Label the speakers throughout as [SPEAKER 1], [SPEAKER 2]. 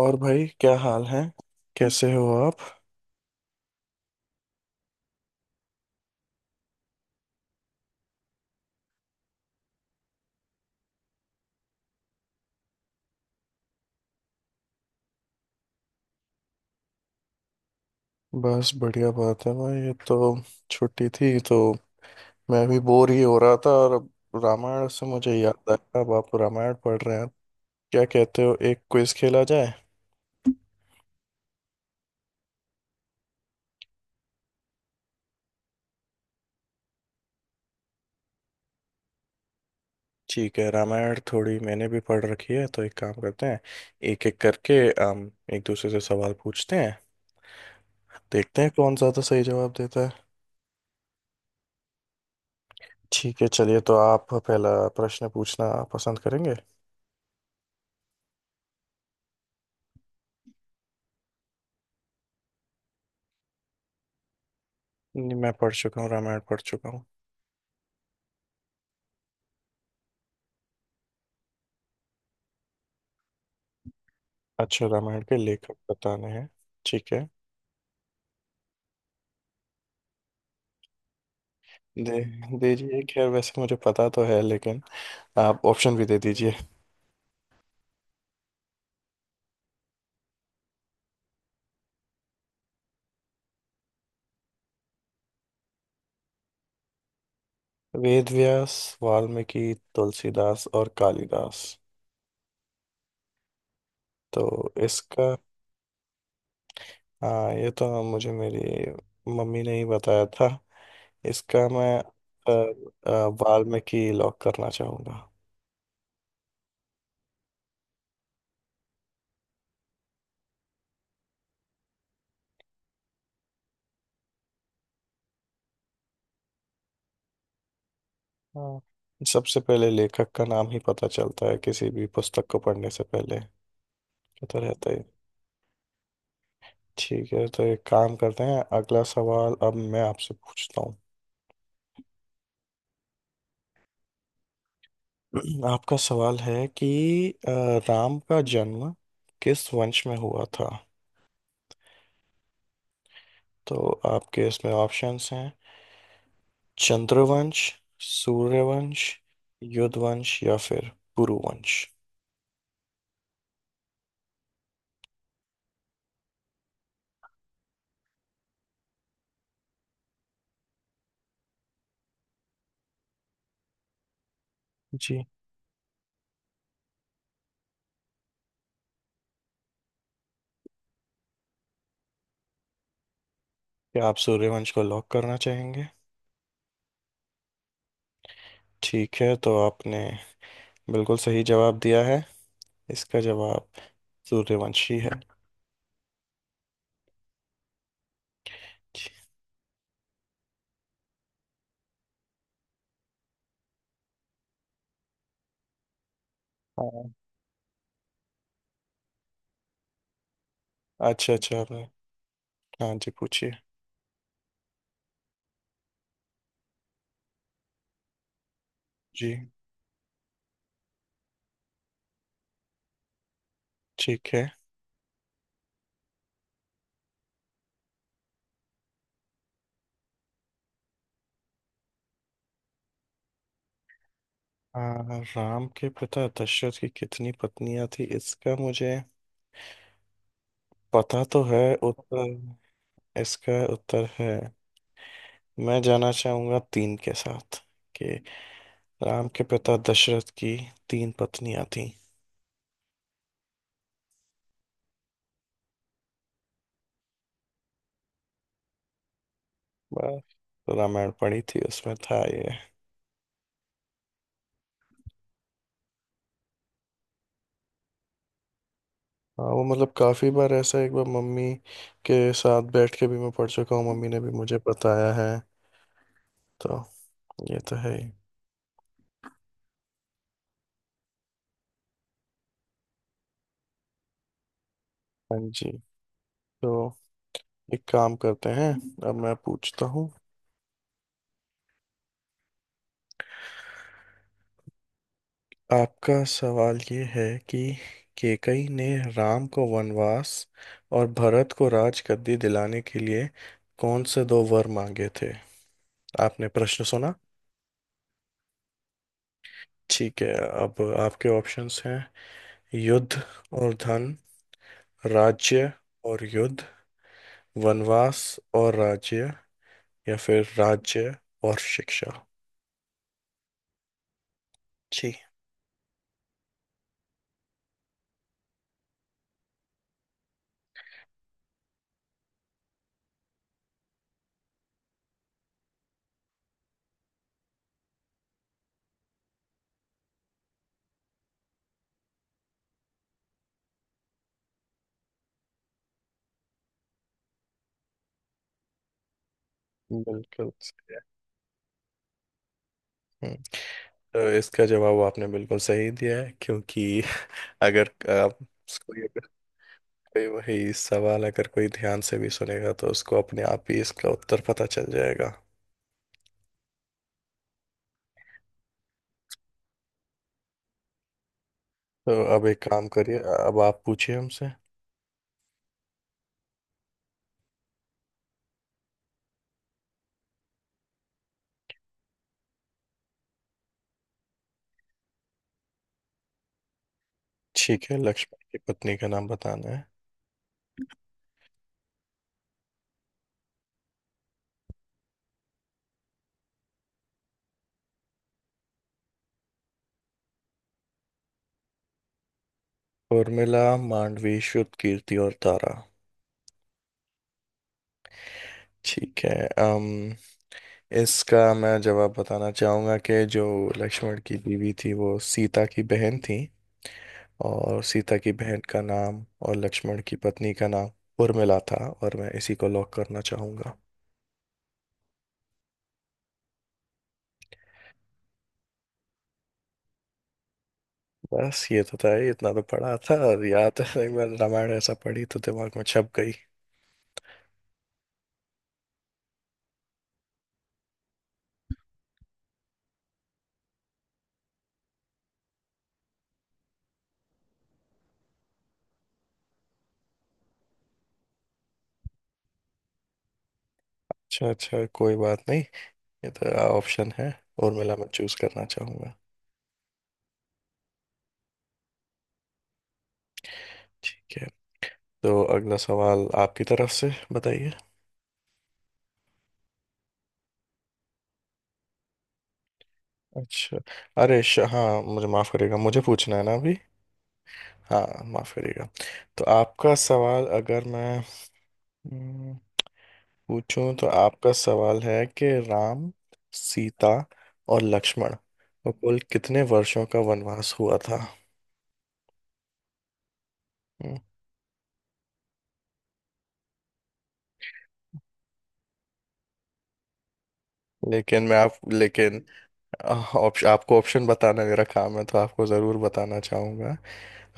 [SPEAKER 1] और भाई क्या हाल है। कैसे हो आप। बस बढ़िया बात है भाई, ये तो छुट्टी थी तो मैं भी बोर ही हो रहा था, और अब रामायण से मुझे याद आया, अब आप रामायण पढ़ रहे हैं। क्या कहते हो, एक क्विज खेला जाए। ठीक है, रामायण थोड़ी मैंने भी पढ़ रखी है तो एक काम करते हैं, एक एक करके हम एक दूसरे से सवाल पूछते हैं, देखते हैं कौन ज़्यादा सही जवाब देता है। ठीक है, चलिए तो आप पहला प्रश्न पूछना पसंद करेंगे। नहीं, मैं पढ़ चुका हूँ, रामायण पढ़ चुका हूँ। अच्छा, रामायण के लेखक बताने हैं। ठीक है, दे दीजिए, खैर वैसे मुझे पता तो है, लेकिन आप ऑप्शन भी दे दीजिए। वेद व्यास, वाल्मीकि, तुलसीदास और कालिदास। तो इसका, हाँ ये तो मुझे मेरी मम्मी ने ही बताया था। इसका मैं वाल्मीकि लॉक करना चाहूँगा। हाँ, सबसे पहले लेखक का नाम ही पता चलता है किसी भी पुस्तक को पढ़ने से पहले, ये तो रहता ही है। ठीक है, तो एक काम करते हैं, अगला सवाल अब मैं आपसे पूछता हूँ। आपका सवाल है कि अ, राम का जन्म किस वंश में हुआ था। तो आपके इसमें ऑप्शंस हैं, चंद्रवंश, सूर्यवंश, युद्धवंश या फिर पुरुवंश। जी, क्या आप सूर्यवंश को लॉक करना चाहेंगे। ठीक है, तो आपने बिल्कुल सही जवाब दिया है, इसका जवाब सूर्यवंशी है। हाँ, अच्छा अच्छा आपने। हाँ जी पूछिए। जी ठीक है, आ, राम के पिता दशरथ की कितनी पत्नियां थी, इसका मुझे पता तो है। उत्तर, इसका उत्तर है, मैं जाना चाहूंगा 3 के साथ, कि राम के पिता दशरथ की 3 पत्नियां थीं। बस, तो रामायण पढ़ी थी, उसमें था ये। हाँ, वो मतलब काफी बार ऐसा, एक बार मम्मी के साथ बैठ के भी मैं पढ़ चुका हूँ, मम्मी ने भी मुझे बताया है, तो ये तो है ही। हाँ जी, तो एक काम करते हैं, अब मैं पूछता हूँ। आपका सवाल ये है कि केकई ने राम को वनवास और भरत को राजगद्दी दिलाने के लिए कौन से दो वर मांगे थे। आपने प्रश्न सुना। ठीक है, अब आपके ऑप्शंस हैं, युद्ध और धन, राज्य और युद्ध, वनवास और राज्य, या फिर राज्य और शिक्षा। जी, बिल्कुल सही है। हम्म, तो इसका जवाब आपने बिल्कुल सही दिया है, क्योंकि अगर आप, वही वही सवाल अगर कोई ध्यान से भी सुनेगा तो उसको अपने आप ही इसका उत्तर पता चल जाएगा। तो अब एक काम करिए, अब आप पूछिए हमसे। ठीक है, लक्ष्मण की पत्नी का नाम बताना है। उर्मिला, मांडवी, शुद्ध कीर्ति और तारा। ठीक है, अम इसका मैं जवाब बताना चाहूँगा कि जो लक्ष्मण की बीवी थी वो सीता की बहन थी, और सीता की बहन का नाम और लक्ष्मण की पत्नी का नाम उर्मिला था, और मैं इसी को लॉक करना चाहूँगा। बस ये तो था ही, इतना तो पढ़ा था और याद है, एक बार रामायण ऐसा पढ़ी तो दिमाग में छप गई। अच्छा अच्छा, कोई बात नहीं, ये तो ऑप्शन है उर्मिला, मैं चूज करना चाहूंगा। ठीक है, तो अगला सवाल आपकी तरफ से बताइए। अच्छा, अरे श, हाँ मुझे माफ करिएगा, मुझे पूछना है ना अभी। हाँ, माफ करिएगा। तो आपका सवाल अगर मैं, हम्म, पूछूं तो आपका सवाल है कि राम, सीता और लक्ष्मण को कुल कितने वर्षों का वनवास हुआ था। हम्म, लेकिन मैं आप लेकिन ऑप्शन, आपको ऑप्शन बताना मेरा काम है तो आपको ज़रूर बताना चाहूँगा।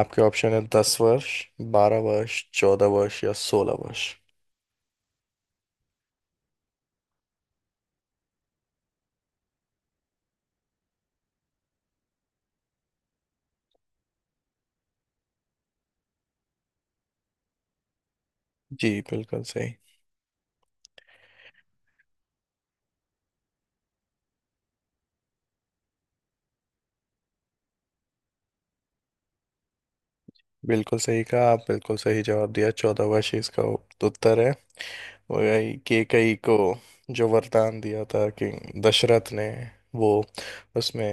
[SPEAKER 1] आपके ऑप्शन है, 10 वर्ष, 12 वर्ष, 14 वर्ष या 16 वर्ष। जी, बिल्कुल सही, बिल्कुल सही कहा आप, बिल्कुल सही जवाब दिया, 14 वर्ष ही इसका उत्तर है। और यही केकई को जो वरदान दिया था कि दशरथ ने, वो उसमें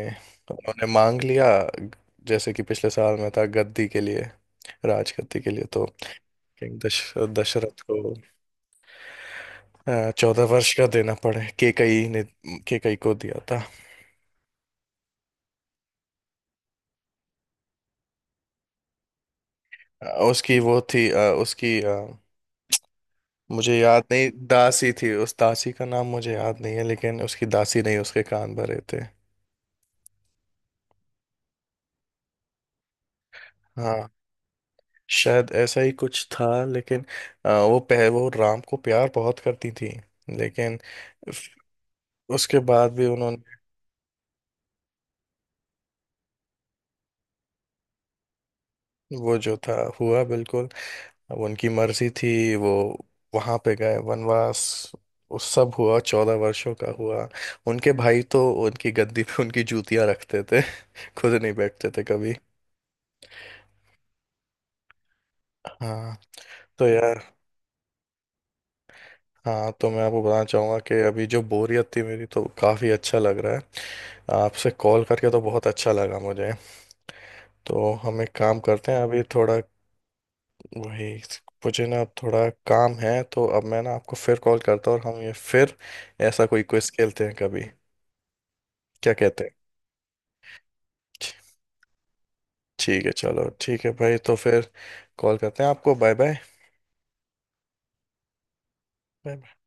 [SPEAKER 1] उन्होंने मांग लिया, जैसे कि पिछले साल में था गद्दी के लिए, राजगद्दी के लिए, तो किंग दशरथ को 14 वर्ष का देना पड़े, केकई ने, केकई को दिया था। उसकी वो थी, उसकी मुझे याद नहीं, दासी थी, उस दासी का नाम मुझे याद नहीं है, लेकिन उसकी दासी नहीं उसके कान भरे थे। हाँ, शायद ऐसा ही कुछ था, लेकिन वो राम को प्यार बहुत करती थी, लेकिन फ- उसके बाद भी उन्होंने, वो जो था, हुआ, बिल्कुल। अब उनकी मर्जी थी, वो वहां पे गए वनवास, उस सब हुआ, 14 वर्षों का हुआ। उनके भाई तो उनकी गद्दी पे उनकी जूतियां रखते थे, खुद नहीं बैठते थे कभी। हाँ, तो यार, हाँ तो मैं आपको बताना चाहूंगा कि अभी जो बोरियत थी मेरी, तो काफी अच्छा लग रहा है आपसे, कॉल करके तो बहुत अच्छा लगा मुझे। तो हम एक काम करते हैं, अभी थोड़ा, वही, मुझे ना अब थोड़ा काम है, तो अब मैं ना आपको फिर कॉल करता हूँ, और हम ये फिर ऐसा कोई क्विज खेलते हैं कभी। क्या कहते हैं। ठीक है, चलो ठीक है भाई, तो फिर कॉल करते हैं आपको, बाय। बाय।